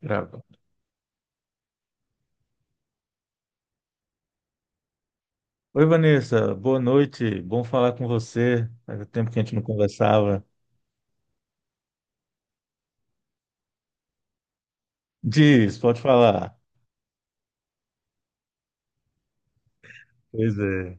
Grava. Oi, Vanessa, boa noite, bom falar com você. Faz tempo que a gente não conversava. Diz, pode falar. Pois é.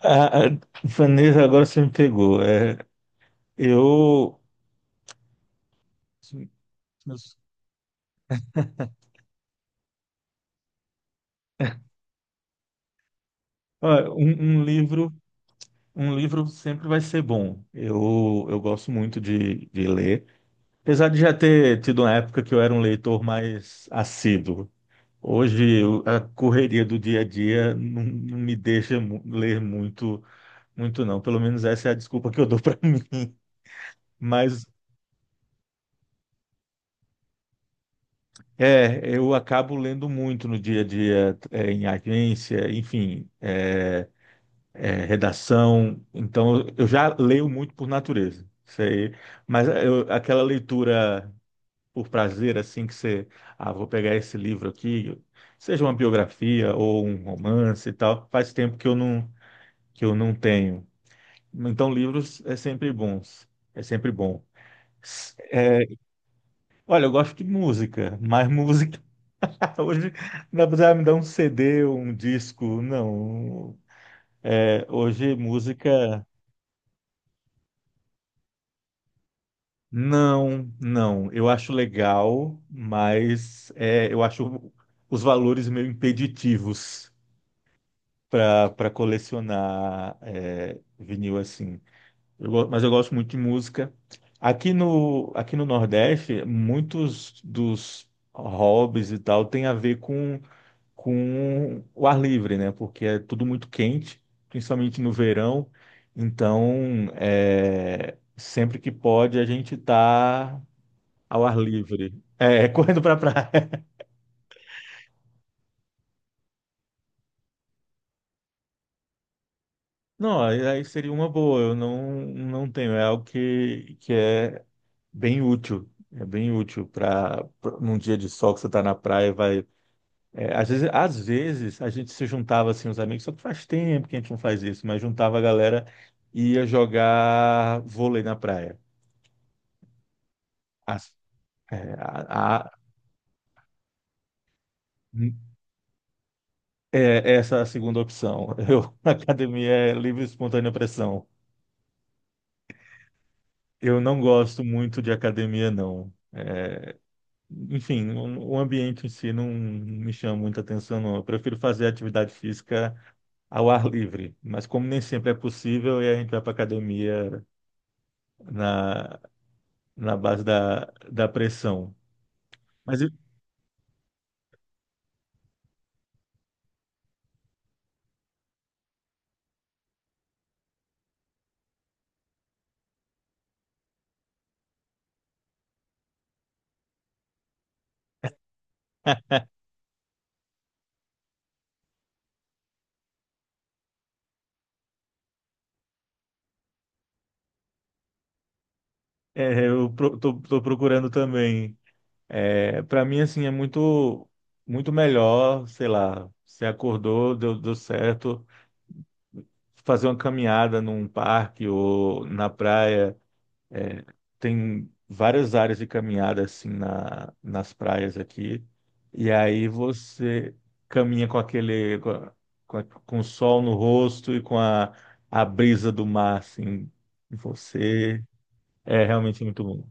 Ah, Vanessa, agora você me pegou. É, eu, olha, um livro, um livro sempre vai ser bom. Eu gosto muito de ler, apesar de já ter tido uma época que eu era um leitor mais assíduo. Hoje, a correria do dia a dia não me deixa ler muito. Não, pelo menos essa é a desculpa que eu dou para mim. Mas é, eu acabo lendo muito no dia a dia, é, em agência, enfim, é, redação. Então eu já leio muito por natureza, isso aí. Mas aquela leitura por prazer, assim, que você, ah, vou pegar esse livro aqui, seja uma biografia ou um romance e tal, faz tempo que eu não tenho. Então livros é sempre bons, é sempre bom. Olha, eu gosto de música, mas música hoje não dá pra me dar um CD, um disco, não. É, hoje música, não. Eu acho legal, mas é, eu acho os valores meio impeditivos para colecionar é, vinil assim. Mas eu gosto muito de música. Aqui no Nordeste, muitos dos hobbies e tal tem a ver com o ar livre, né? Porque é tudo muito quente, principalmente no verão. Então, é, sempre que pode, a gente tá ao ar livre. É, correndo para praia. Não, aí seria uma boa. Eu não, Não tenho. É algo que é bem útil. É bem útil para num dia de sol que você está na praia, vai. É, às vezes a gente se juntava assim, os amigos, só que faz tempo que a gente não faz isso, mas juntava a galera e ia jogar vôlei na praia. As- é, a- a- Essa é a segunda opção. Eu, academia é livre e espontânea pressão. Eu não gosto muito de academia, não. Enfim, o ambiente em si não me chama muita atenção, não. Eu prefiro fazer atividade física ao ar livre, mas como nem sempre é possível, e a gente vai para academia na na base da pressão. Mas eu, é, tô procurando também. É, para mim, assim, é muito, muito melhor, sei lá, se acordou, deu certo, fazer uma caminhada num parque ou na praia. É, tem várias áreas de caminhada assim nas praias aqui. E aí você caminha com o sol no rosto e com a brisa do mar assim em você. É realmente muito bom.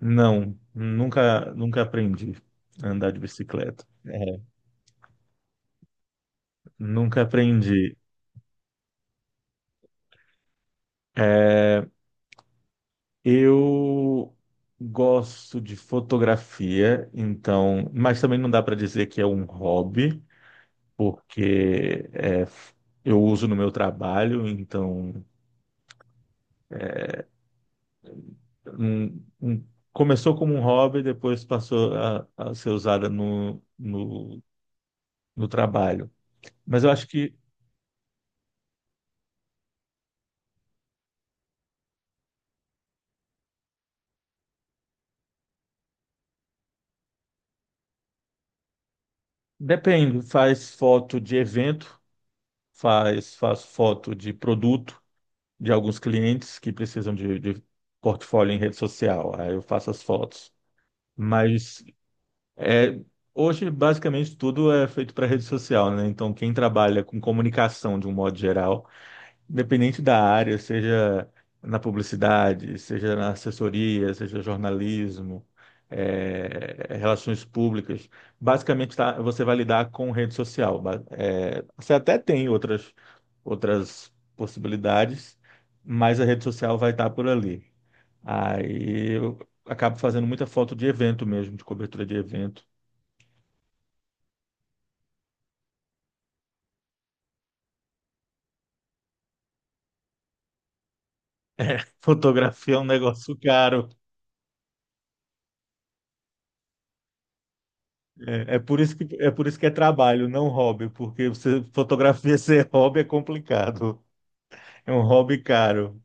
Não, nunca aprendi a andar de bicicleta. Nunca aprendi. Eu gosto de fotografia, então, mas também não dá para dizer que é um hobby, porque é, eu uso no meu trabalho, então um- um- começou como um hobby, depois passou a ser usada no trabalho. Mas eu acho que depende, faz foto de evento, faz foto de produto de alguns clientes que precisam de portfólio em rede social, aí eu faço as fotos. Mas é, hoje, basicamente, tudo é feito para rede social, né? Então, quem trabalha com comunicação de um modo geral independente da área, seja na publicidade, seja na assessoria, seja jornalismo, eh, relações públicas, basicamente você vai lidar com rede social. Você até tem outras, outras possibilidades, mas a rede social vai estar por ali. Aí eu acabo fazendo muita foto de evento mesmo, de cobertura de evento. Fotografia é um negócio caro. É, é por é por isso que é trabalho, não hobby, porque você fotografia ser hobby é complicado. É um hobby caro.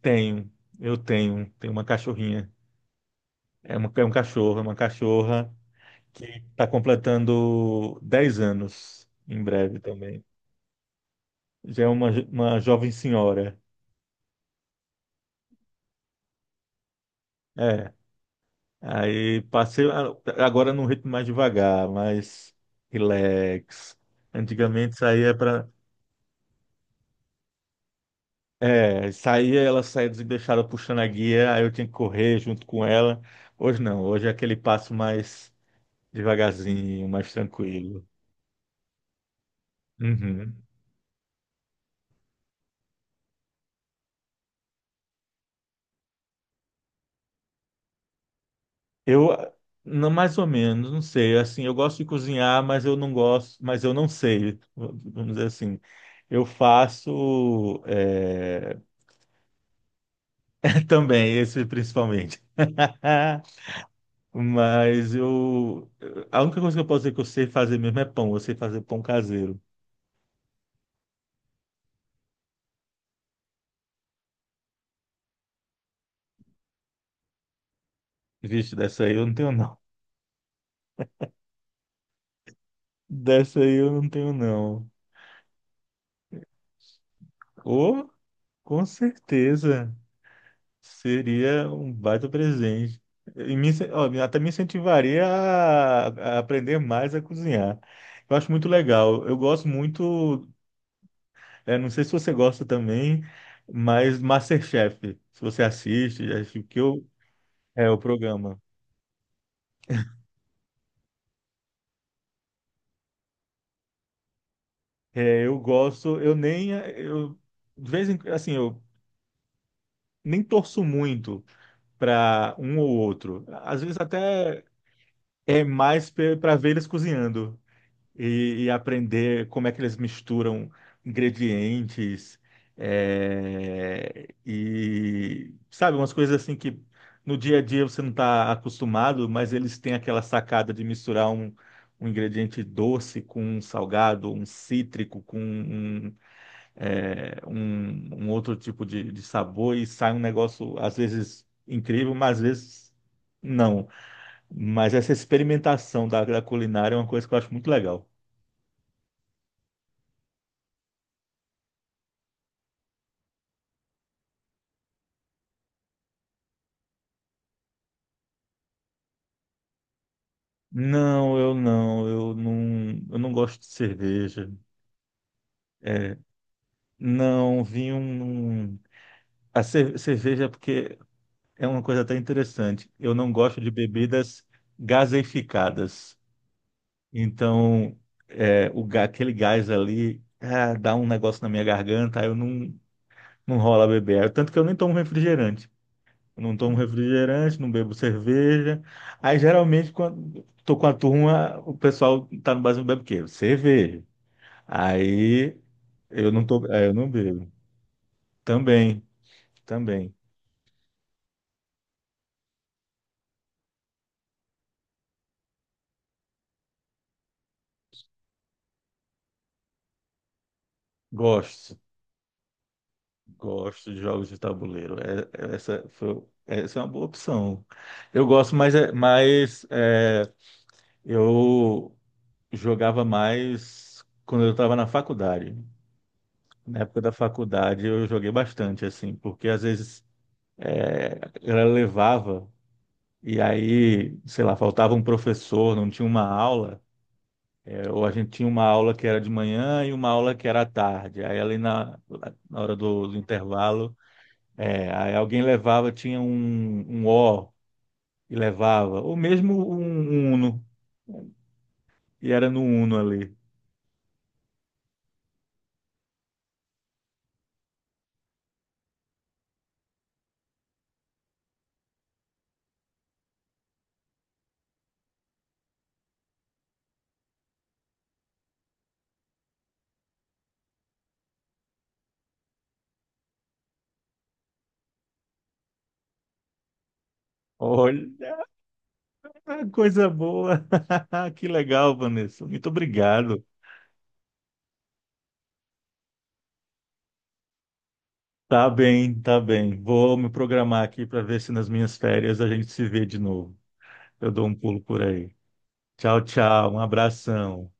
Tenho, tenho uma cachorrinha. É, uma, é um cachorro, é uma cachorra que está completando 10 anos em breve também. Já é uma jovem senhora. É. Aí passei a- Agora num ritmo mais devagar, mais relax. Antigamente saía para. É, saía, ela saía deixada puxando a guia, aí eu tinha que correr junto com ela. Hoje não, hoje é aquele passo mais devagarzinho, mais tranquilo. Uhum. Eu, não, mais ou menos, não sei, assim, eu gosto de cozinhar, mas eu não gosto, mas eu não sei, vamos dizer assim. Eu faço, é, também, esse principalmente. Mas eu, a única coisa que eu posso dizer que eu sei fazer mesmo é pão, eu sei fazer pão caseiro. Vixe, dessa aí eu não tenho não. Dessa aí eu não tenho, não. Ou, com certeza, seria um baita presente. E me, incen- ó, me- até me incentivaria a aprender mais a cozinhar. Eu acho muito legal. Eu gosto muito, eh, não sei se você gosta também, mas MasterChef, se você assiste, acho que eu, é o programa. É, eu gosto, eu nem, eh, eu, de vez em, assim, eu nem torço muito para um ou outro. Às vezes até é mais para ver eles cozinhando e aprender como é que eles misturam ingredientes é, e sabe, umas coisas assim que no dia a dia você não está acostumado, mas eles têm aquela sacada de misturar um ingrediente doce com um salgado, um cítrico com um outro tipo de sabor e sai um negócio às vezes incrível, mas às vezes não. Mas essa experimentação da culinária é uma coisa que eu acho muito legal. Não, eu não gosto de cerveja. É, não, vinho. Cerveja, é porque é uma coisa até interessante. Eu não gosto de bebidas gaseificadas. Então, é, aquele gás ali ah, dá um negócio na minha garganta, aí eu não, não rola beber. Tanto que eu nem tomo refrigerante. Eu não tomo refrigerante, não bebo cerveja. Aí geralmente quando tô com a turma, o pessoal tá no barzinho bebe o quê? Cerveja. Aí eu não tô, é, eu não bebo. Também, também. Gosto, gosto de jogos de tabuleiro. Essa foi, essa é uma boa opção. Eu gosto, mas é, eu jogava mais quando eu estava na faculdade. Na época da faculdade eu joguei bastante, assim, porque às vezes é, ela levava, e aí, sei lá, faltava um professor, não tinha uma aula, é, ou a gente tinha uma aula que era de manhã e uma aula que era à tarde. Aí, na hora do intervalo, é, aí alguém levava, tinha um O e levava, ou mesmo um Uno, e era no Uno ali. Olha, coisa boa! Que legal, Vanessa. Muito obrigado. Tá bem, tá bem. Vou me programar aqui para ver se nas minhas férias a gente se vê de novo. Eu dou um pulo por aí. Tchau, tchau. Um abração.